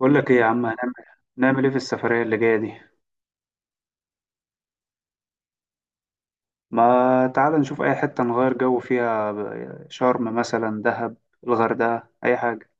بقول لك ايه يا عم؟ نعمل ايه في السفرية اللي جاية دي؟ ما تعال نشوف اي حتة نغير جو فيها، شرم مثلا، دهب، الغردقة، اي حاجة.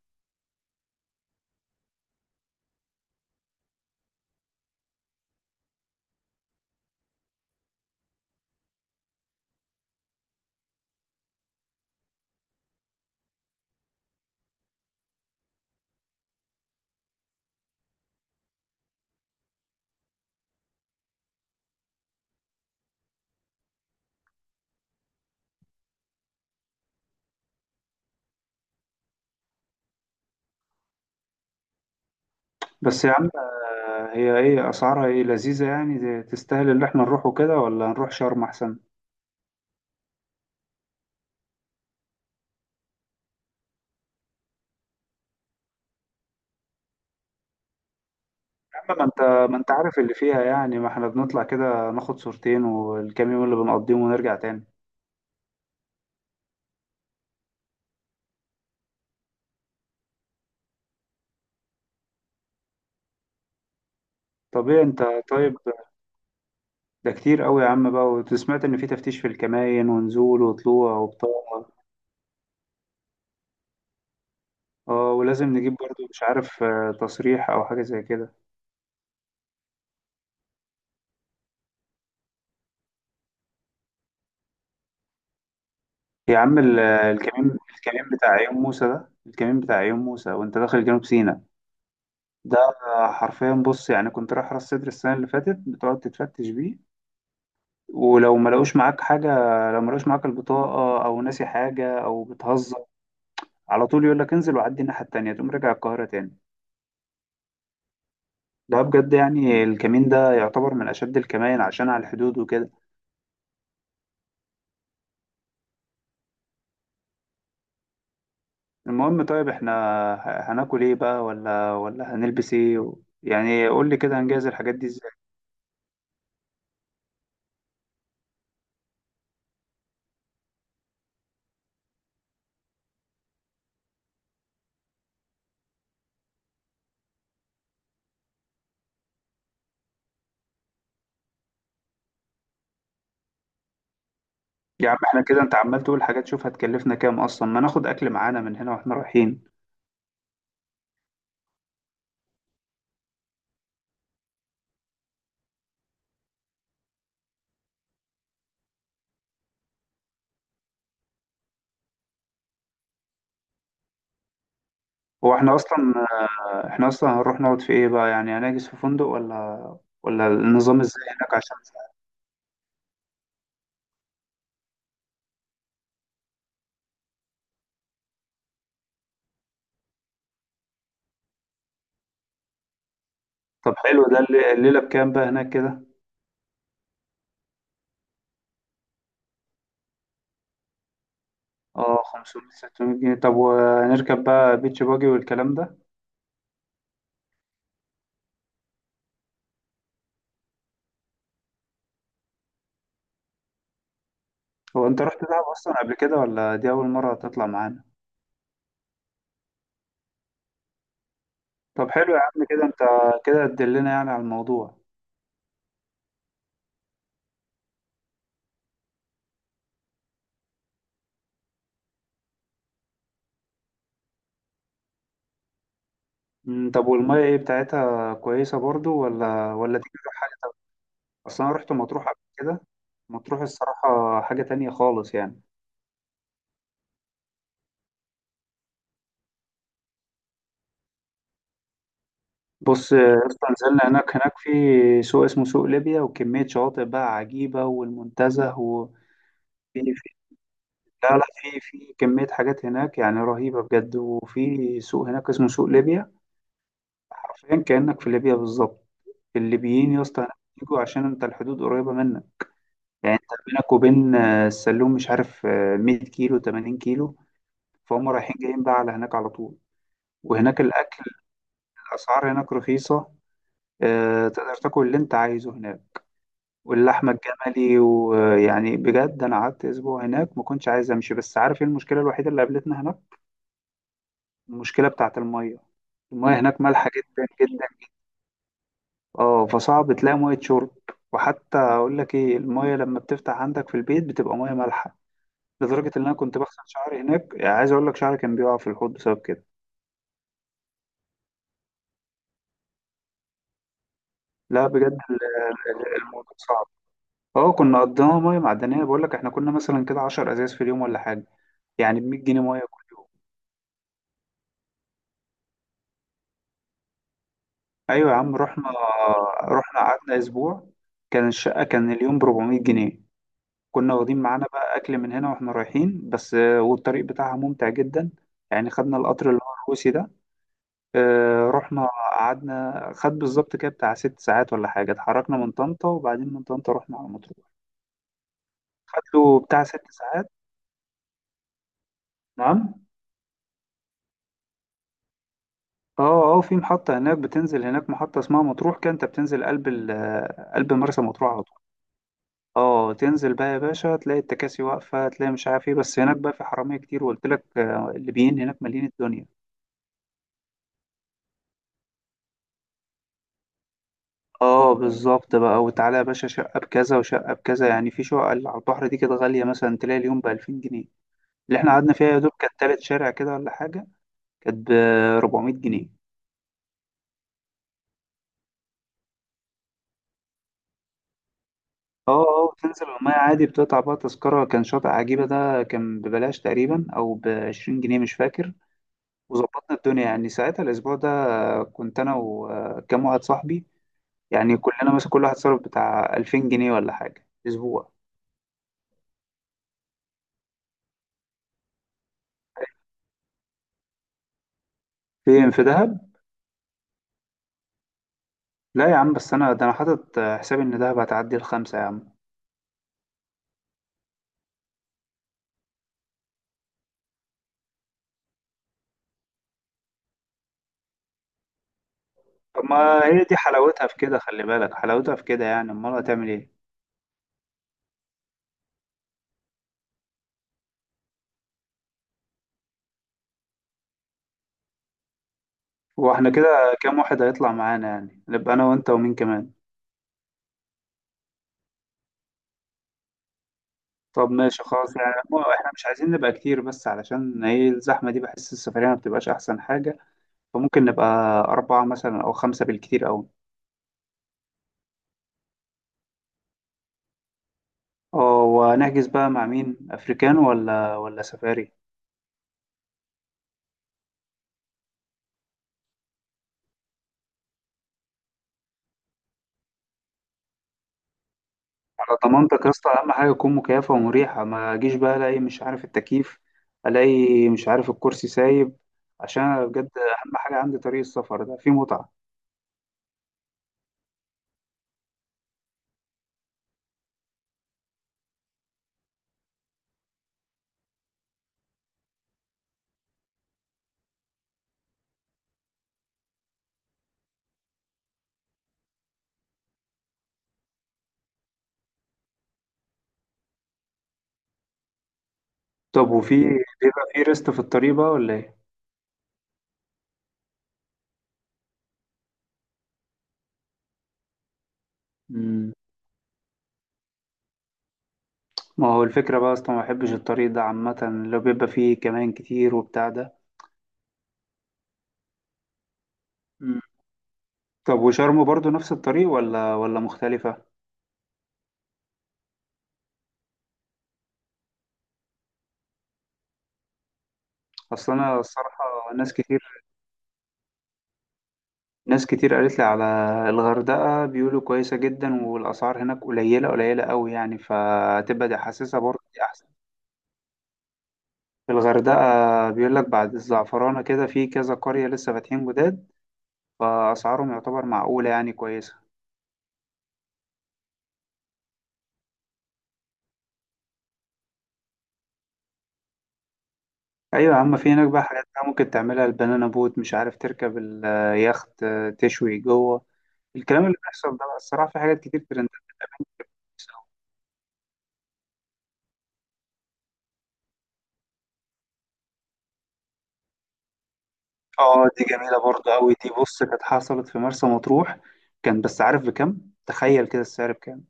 بس يا عم، هي ايه اسعارها، ايه لذيذة يعني تستاهل اللي احنا نروحه كده، ولا نروح شرم احسن؟ يا عم ما انت عارف اللي فيها يعني، ما احنا بنطلع كده، ناخد صورتين والكام يوم اللي بنقضيهم ونرجع تاني. طب ايه انت طيب، ده كتير قوي يا عم بقى. وسمعت ان في تفتيش في الكماين ونزول وطلوع وبتاع. اه، ولازم نجيب برضو مش عارف تصريح او حاجه زي كده. يا عم الكمين بتاع عيون موسى، ده الكمين بتاع عيون موسى وانت داخل جنوب سيناء. ده حرفيا بص، يعني كنت رايح راس سدر السنه اللي فاتت، بتقعد تتفتش بيه. ولو ما لقوش معاك حاجه، لو ما لقوش معاك البطاقه او ناسي حاجه او بتهزر، على طول يقول لك انزل وعدي الناحيه التانيه، تقوم راجع القاهره تاني. ده بجد، يعني الكمين ده يعتبر من اشد الكمائن عشان على الحدود وكده. المهم طيب، احنا هناكل ايه بقى، ولا هنلبس ايه و يعني قول لي كده هنجهز الحاجات دي ازاي. يا عم احنا كده انت عمال تقول حاجات، شوف هتكلفنا كام اصلا؟ ما ناخد اكل معانا من هنا واحنا رايحين. هو احنا اصلا هنروح نقعد في ايه بقى؟ يعني هنحجز في فندق، ولا النظام ازاي هناك؟ عشان طب حلو ده الليله بكام بقى هناك كده؟ اه، 500 600 جنيه. طب وهنركب بقى بيتش باجي والكلام ده؟ هو انت رحت دهب اصلا قبل كده، ولا دي اول مره تطلع معانا؟ طب حلو يا عم، كده انت كده تدلنا يعني على الموضوع. طب والمية ايه بتاعتها، كويسة برضو ولا دي كده حاجة تانية؟ اصل انا رحت مطروح قبل كده. مطروح الصراحة حاجة تانية خالص يعني. بص يا اسطى، نزلنا هناك، في سوق اسمه سوق ليبيا وكمية شواطئ بقى عجيبة، والمنتزه، وفي في لا لا، في كمية حاجات هناك يعني رهيبة بجد، وفي سوق هناك اسمه سوق ليبيا، حرفيا كأنك في ليبيا بالظبط. الليبيين يا اسطى هناك بيجوا عشان انت الحدود قريبة منك. يعني انت بينك وبين السلوم مش عارف، 100 كيلو، 80 كيلو، فهم رايحين جايين بقى على هناك على طول. وهناك الاكل، الاسعار هناك رخيصه، تقدر تاكل اللي انت عايزه هناك، واللحمه الجملي، ويعني بجد انا قعدت اسبوع هناك ما كنتش عايز امشي. بس عارف ايه المشكله الوحيده اللي قابلتنا هناك؟ المشكله بتاعت الميه، الميه هناك مالحه جدا جدا. اه، فصعب تلاقي ميه شرب، وحتى اقول لك ايه، الميه لما بتفتح عندك في البيت بتبقى ميه مالحه، لدرجة إن أنا كنت بغسل شعري هناك، يعني عايز أقول لك شعري كان بيقع في الحوض بسبب كده. لا بجد، الموضوع صعب. اه، كنا قضيناها مية معدنية، بقول لك احنا كنا مثلا كده 10 أزاز في اليوم ولا حاجة، يعني ب 100 جنيه مية كل يوم. أيوة يا عم، رحنا قعدنا أسبوع، كان الشقة كان اليوم ب 400 جنيه. كنا واخدين معانا بقى أكل من هنا وإحنا رايحين، بس والطريق بتاعها ممتع جدا. يعني خدنا القطر اللي هو الروسي ده، رحنا قعدنا، خد بالظبط كده بتاع 6 ساعات ولا حاجة. اتحركنا من طنطا، وبعدين من طنطا رحنا على مطروح، خد له بتاع 6 ساعات. نعم. اه، اه، في محطة هناك بتنزل، هناك محطة اسمها مطروح، كده انت بتنزل قلب ال آه، قلب مرسى مطروح على طول. اه، تنزل بقى يا باشا تلاقي التكاسي واقفة، تلاقي مش عارف ايه، بس هناك بقى في حرامية كتير، وقلت لك، الليبيين هناك مالين الدنيا. اه، بالظبط بقى، وتعالى يا باشا شقة بكذا وشقة بكذا، يعني في شقة اللي على البحر دي كده غالية، مثلا تلاقي اليوم ب 2000 جنيه، اللي احنا قعدنا فيها يا دوب كانت تالت شارع كده ولا حاجة، كانت ب 400 جنيه. اه، اه، بتنزل المية عادي، بتقطع بقى تذكرة، كان شاطئ عجيبة ده كان ببلاش تقريبا أو ب 20 جنيه، مش فاكر. وظبطنا الدنيا يعني ساعتها الأسبوع ده، كنت أنا وكام واحد صاحبي، يعني كلنا مثلا كل واحد صرف بتاع 2000 جنيه ولا حاجة في أسبوع. فين، في دهب؟ لا يا عم، بس أنا ده أنا حاطط حسابي إن دهب هتعدي الخمسة يا عم. طب ما هي دي حلاوتها في كده، خلي بالك حلاوتها في كده، يعني أمال هتعمل إيه؟ هو احنا كده كام واحد هيطلع معانا؟ يعني نبقى انا وانت ومين كمان؟ طب ماشي خلاص يعني، احنا مش عايزين نبقى كتير بس، علشان ايه الزحمة دي بحس السفرية ما بتبقاش احسن حاجة. فممكن نبقى اربعة مثلا او خمسة بالكتير اوي. اه، وهنحجز بقى مع مين، افريكان ولا سفاري؟ على ضمانتك يا اسطى، اهم حاجة تكون مكيفة ومريحة، ما اجيش بقى الاقي مش عارف التكييف، الاقي مش عارف الكرسي سايب، عشان أنا بجد اهم حاجة عندي طريق السفر ده فيه متعة. طب وفي، بيبقى في ريست في الطريق بقى ولا ايه؟ مم. ما هو الفكرة بقى أصلا ما بحبش الطريق ده عامة، لو بيبقى فيه كمان كتير وبتاع ده. مم. طب وشرم برضو نفس الطريق، ولا مختلفة؟ أصل أنا الصراحة، ناس كتير ناس كتير قالت لي على الغردقة، بيقولوا كويسة جدا، والأسعار هناك قليلة قليلة أوي يعني، فتبقى دي حاسسها برضه دي أحسن. في الغردقة بيقول لك بعد الزعفرانة كده في كذا قرية لسه فاتحين جداد، فأسعارهم يعتبر معقولة يعني كويسة. ايوه يا عم، في هناك بقى حاجات بقى ممكن تعملها، البنانا بوت، مش عارف، تركب اليخت، تشوي جوه، الكلام اللي بيحصل ده بقى الصراحه، في حاجات كتير ترند. اه، دي جميله برضه قوي دي، بص كانت حصلت في مرسى مطروح. كان بس عارف بكام؟ تخيل كده السعر بكام؟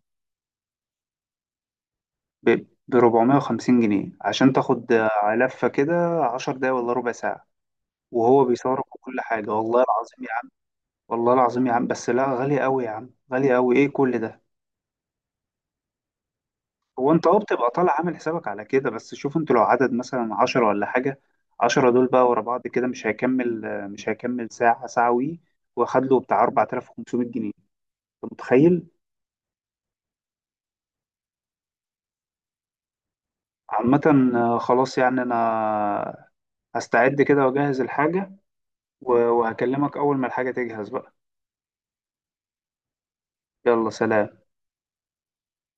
ب ب 450 جنيه عشان تاخد، لفه كده 10 دقايق ولا ربع ساعه، وهو بيصورك وكل حاجه، والله العظيم يا عم. والله العظيم يا عم، بس لا غالي قوي يا عم، غالي قوي ايه كل ده؟ هو انت اه بتبقى طالع عامل حسابك على كده، بس شوف انتوا لو عدد مثلا عشرة ولا حاجة، عشرة دول بقى ورا بعض كده مش هيكمل ساعة، ساعة وي، واخد له بتاع 4500 جنيه، انت متخيل؟ عامة، خلاص يعني انا هستعد كده واجهز الحاجة، وهكلمك اول ما الحاجة تجهز بقى. يلا سلام.